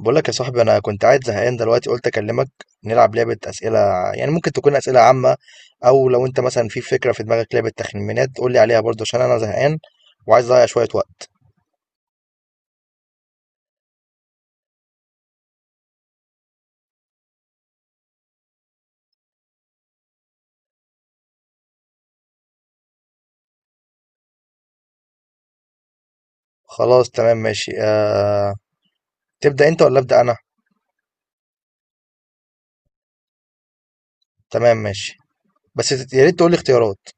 بقول لك يا صاحبي، انا كنت قاعد زهقان دلوقتي قلت اكلمك نلعب لعبه اسئله. يعني ممكن تكون اسئله عامه، او لو انت مثلا في فكره في دماغك لعبه تخمينات قول لي عليها برضه عشان انا زهقان وعايز اضيع شويه وقت. خلاص تمام ماشي. تبدا انت ولا ابدا انا؟ تمام ماشي. بس يا ريت تقول لي اختيارات.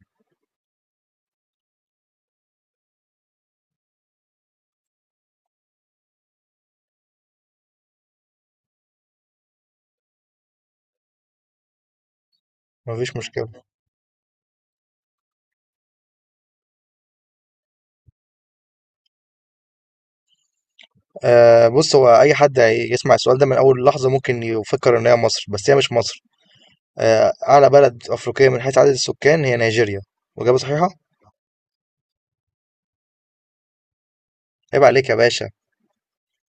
مفيش مشكله. بص، هو اي حد يسمع السؤال ده من اول لحظه ممكن يفكر ان هي مصر، بس هي مش مصر. اعلى بلد افريقيه من حيث عدد السكان هي نيجيريا. واجابه صحيحه. عيب عليك يا باشا.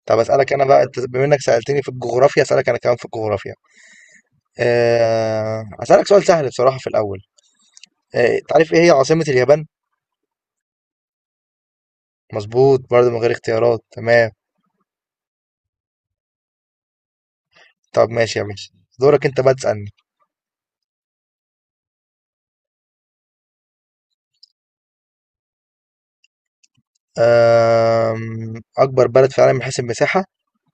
طب اسالك انا بقى، انت بما انك سالتني في الجغرافيا اسالك انا كمان في الجغرافيا. اسالك سؤال سهل بصراحه في الاول. تعرف ايه هي عاصمه اليابان؟ مظبوط، برضه من غير اختيارات. تمام. طب ماشي يا ماشي، دورك انت بقى تسالني. أه... اكبر بلد في العالم من حيث المساحه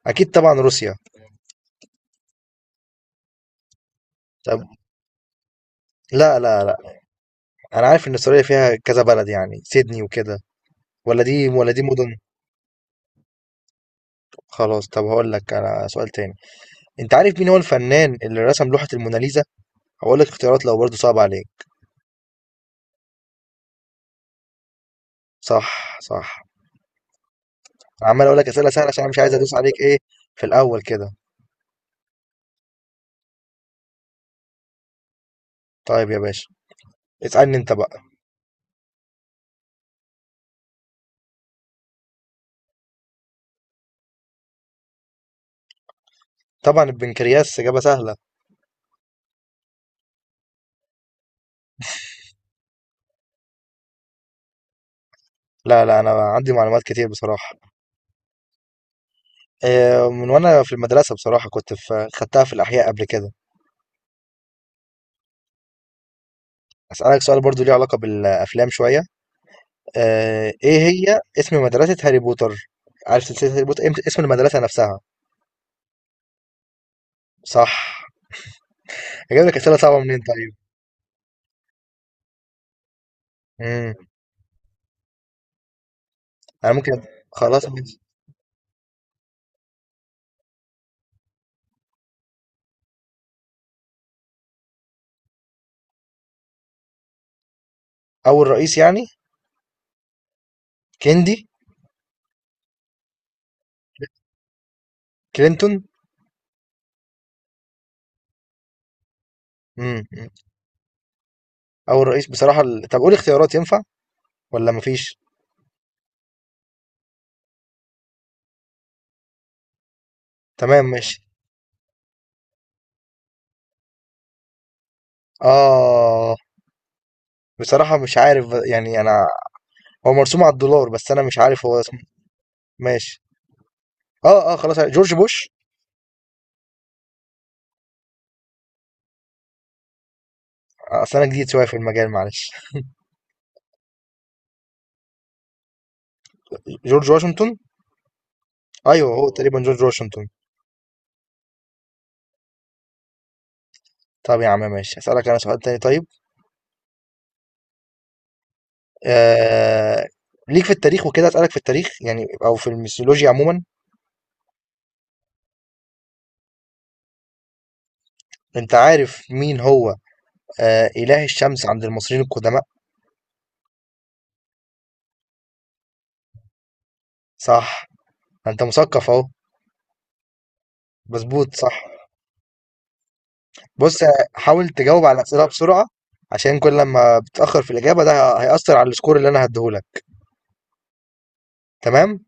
اكيد طبعا روسيا. طب لا، لا، لا، انا عارف ان استراليا فيها كذا بلد، يعني سيدني وكده، ولا دي ولا دي مدن. خلاص طب هقول لك انا سؤال تاني. انت عارف مين هو الفنان اللي رسم لوحه الموناليزا؟ هقول لك اختيارات لو برضه صعب عليك. صح، صح. عمال اقول لك اسئله سهله عشان أنا مش عايز ادوس عليك ايه في الاول كده. طيب يا باشا اسالني انت بقى. طبعا البنكرياس، اجابه سهله. لا، لا، انا عندي معلومات كتير بصراحه. إيه، من وانا في المدرسه بصراحه كنت في خدتها في الاحياء قبل كده. اسالك سؤال برضو ليه علاقه بالافلام شويه. ايه هي اسم مدرسه هاري بوتر؟ عارف سلسله هاري بوتر، إيه اسم المدرسه نفسها؟ صح. اجيب لك اسئله صعبه منين طيب. امم انا ممكن. خلاص ماشي. اول رئيس يعني؟ كيندي. كلينتون. امم أول رئيس بصراحة طب قول اختيارات ينفع ولا مفيش؟ تمام ماشي. آه بصراحة مش عارف، يعني أنا، هو مرسوم على الدولار بس أنا مش عارف هو اسمه. ماشي. خلاص جورج بوش. أصل أنا جديد شوية في المجال، معلش. جورج واشنطن. أيوه هو تقريبا جورج واشنطن. طب يا عم ماشي أسألك أنا سؤال تاني طيب. آه... ليك في التاريخ وكده، أسألك في التاريخ يعني أو في الميثولوجيا عموما. أنت عارف مين هو إله الشمس عند المصريين القدماء؟ صح. أنت مثقف أهو. مظبوط صح. بص، حاول تجاوب على الأسئلة بسرعة. عشان كل لما بتأخر في الإجابة ده هيأثر على السكور اللي أنا هديهولك. تمام؟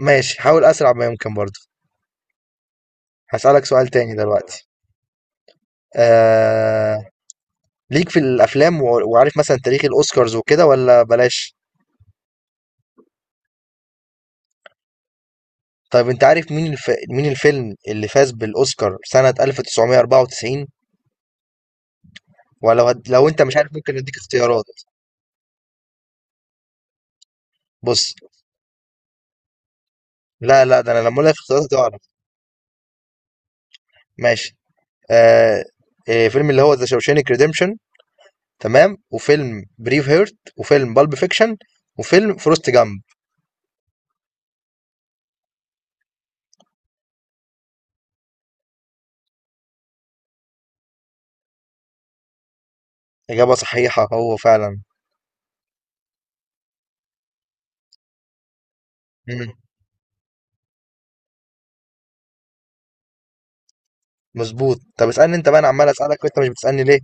ماشي، حاول أسرع ما يمكن برضه. هسألك سؤال تاني دلوقتي. آه... ليك في الأفلام وعارف مثلا تاريخ الأوسكارز وكده ولا بلاش. طيب أنت عارف مين الفيلم اللي فاز بالأوسكار سنة 1994؟ لو أنت مش عارف ممكن أديك اختيارات. بص. لا، لا، ده أنا لما أقول لك اختيارات هتعرف. ماشي. آه... فيلم اللي هو ذا شوشانك ريديمشن، تمام، وفيلم بريف هيرت، وفيلم بالب فيكشن، وفيلم فورست جامب. إجابة صحيحة، هو فعلا. مم. مظبوط. طب اسألني انت بقى، انا عمال اسألك وانت مش بتسألني ليه؟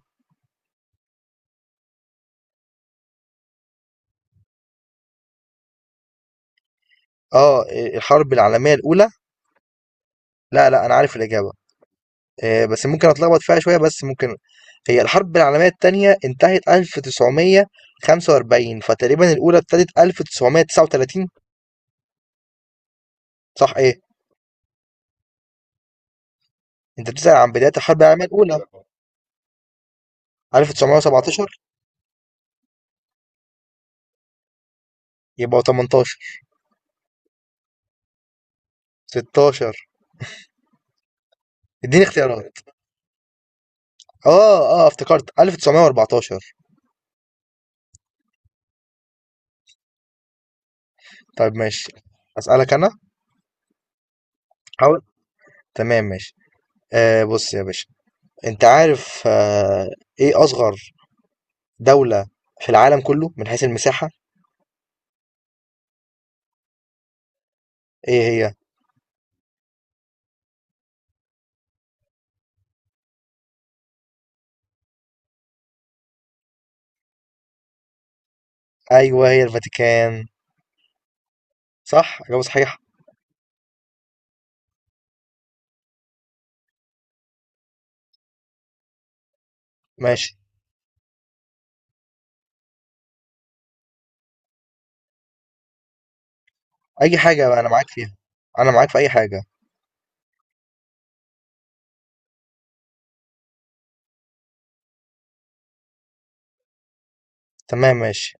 اه، إيه، الحرب العالمية الأولى. لا، لا، انا عارف الإجابة. إيه، بس ممكن اتلخبط فيها شوية، بس ممكن. هي الحرب العالمية التانية انتهت 1945 فتقريبا الأولى ابتدت 1939. صح ايه؟ انت بتسأل عن بداية الحرب العالمية الأولى. 1917. يبقى 18. 16. اديني اختيارات. اه افتكرت 1914. طيب ماشي. اسالك انا، حاول. تمام ماشي. بص يا باشا، انت عارف، ايه اصغر دولة في العالم كله من حيث المساحة؟ ايه هي؟ ايوه هي الفاتيكان. صح، اجابة صحيحة. ماشي. اي حاجة بقى انا معاك فيها، انا معاك في اي حاجة. تمام ماشي.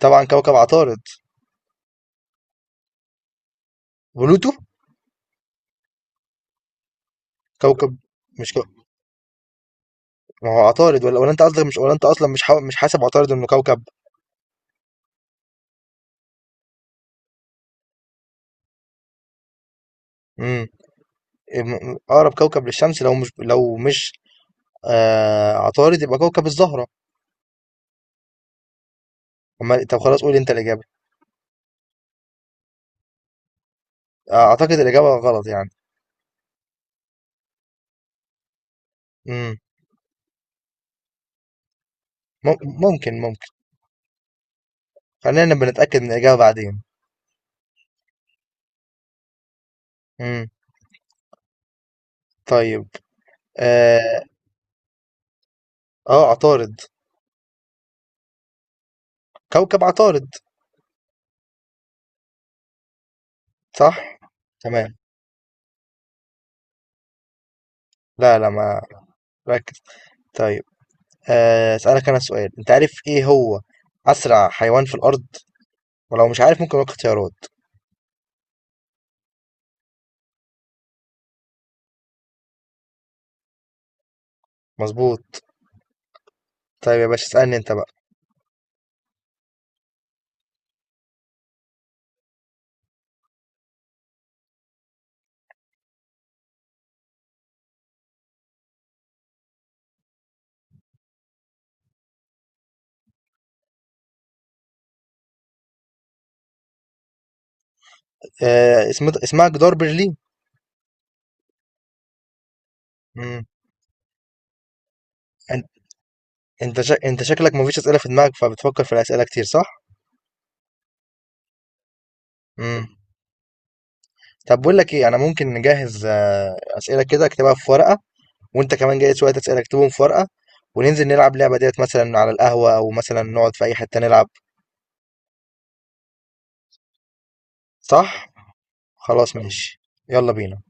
طبعا كوكب عطارد. بلوتو. كوكب. مش كو... ما هو عطارد، ولا انت قصدك مش، ولا انت اصلا مش حاسب عطارد انه كوكب؟ امم اقرب كوكب للشمس. لو مش عطارد يبقى كوكب الزهرة. أمال طب خلاص، قول أنت الإجابة. أعتقد الإجابة غلط يعني. مم. ممكن خلينا نبقى نتأكد من الإجابة بعدين. مم. طيب. آه عطارد. كوكب عطارد صح. تمام. لا، لا. ما ركز. طيب. أسألك أنا سؤال، أنت عارف إيه هو أسرع حيوان في الأرض؟ ولو مش عارف ممكن أقول اختيارات. مظبوط. طيب يا باشا اسألني أنت بقى. اسمها جدار برلين. مم. أنت شكلك مفيش أسئلة في دماغك فبتفكر في الأسئلة كتير، صح؟ امم طب بقول لك إيه، أنا ممكن نجهز أسئلة كده أكتبها في ورقة، وأنت كمان جايز شوية أسئلة أكتبهم في ورقة، وننزل نلعب لعبة ديت مثلا على القهوة أو مثلا نقعد في أي حتة نلعب، صح؟ خلاص ماشي، يلا بينا.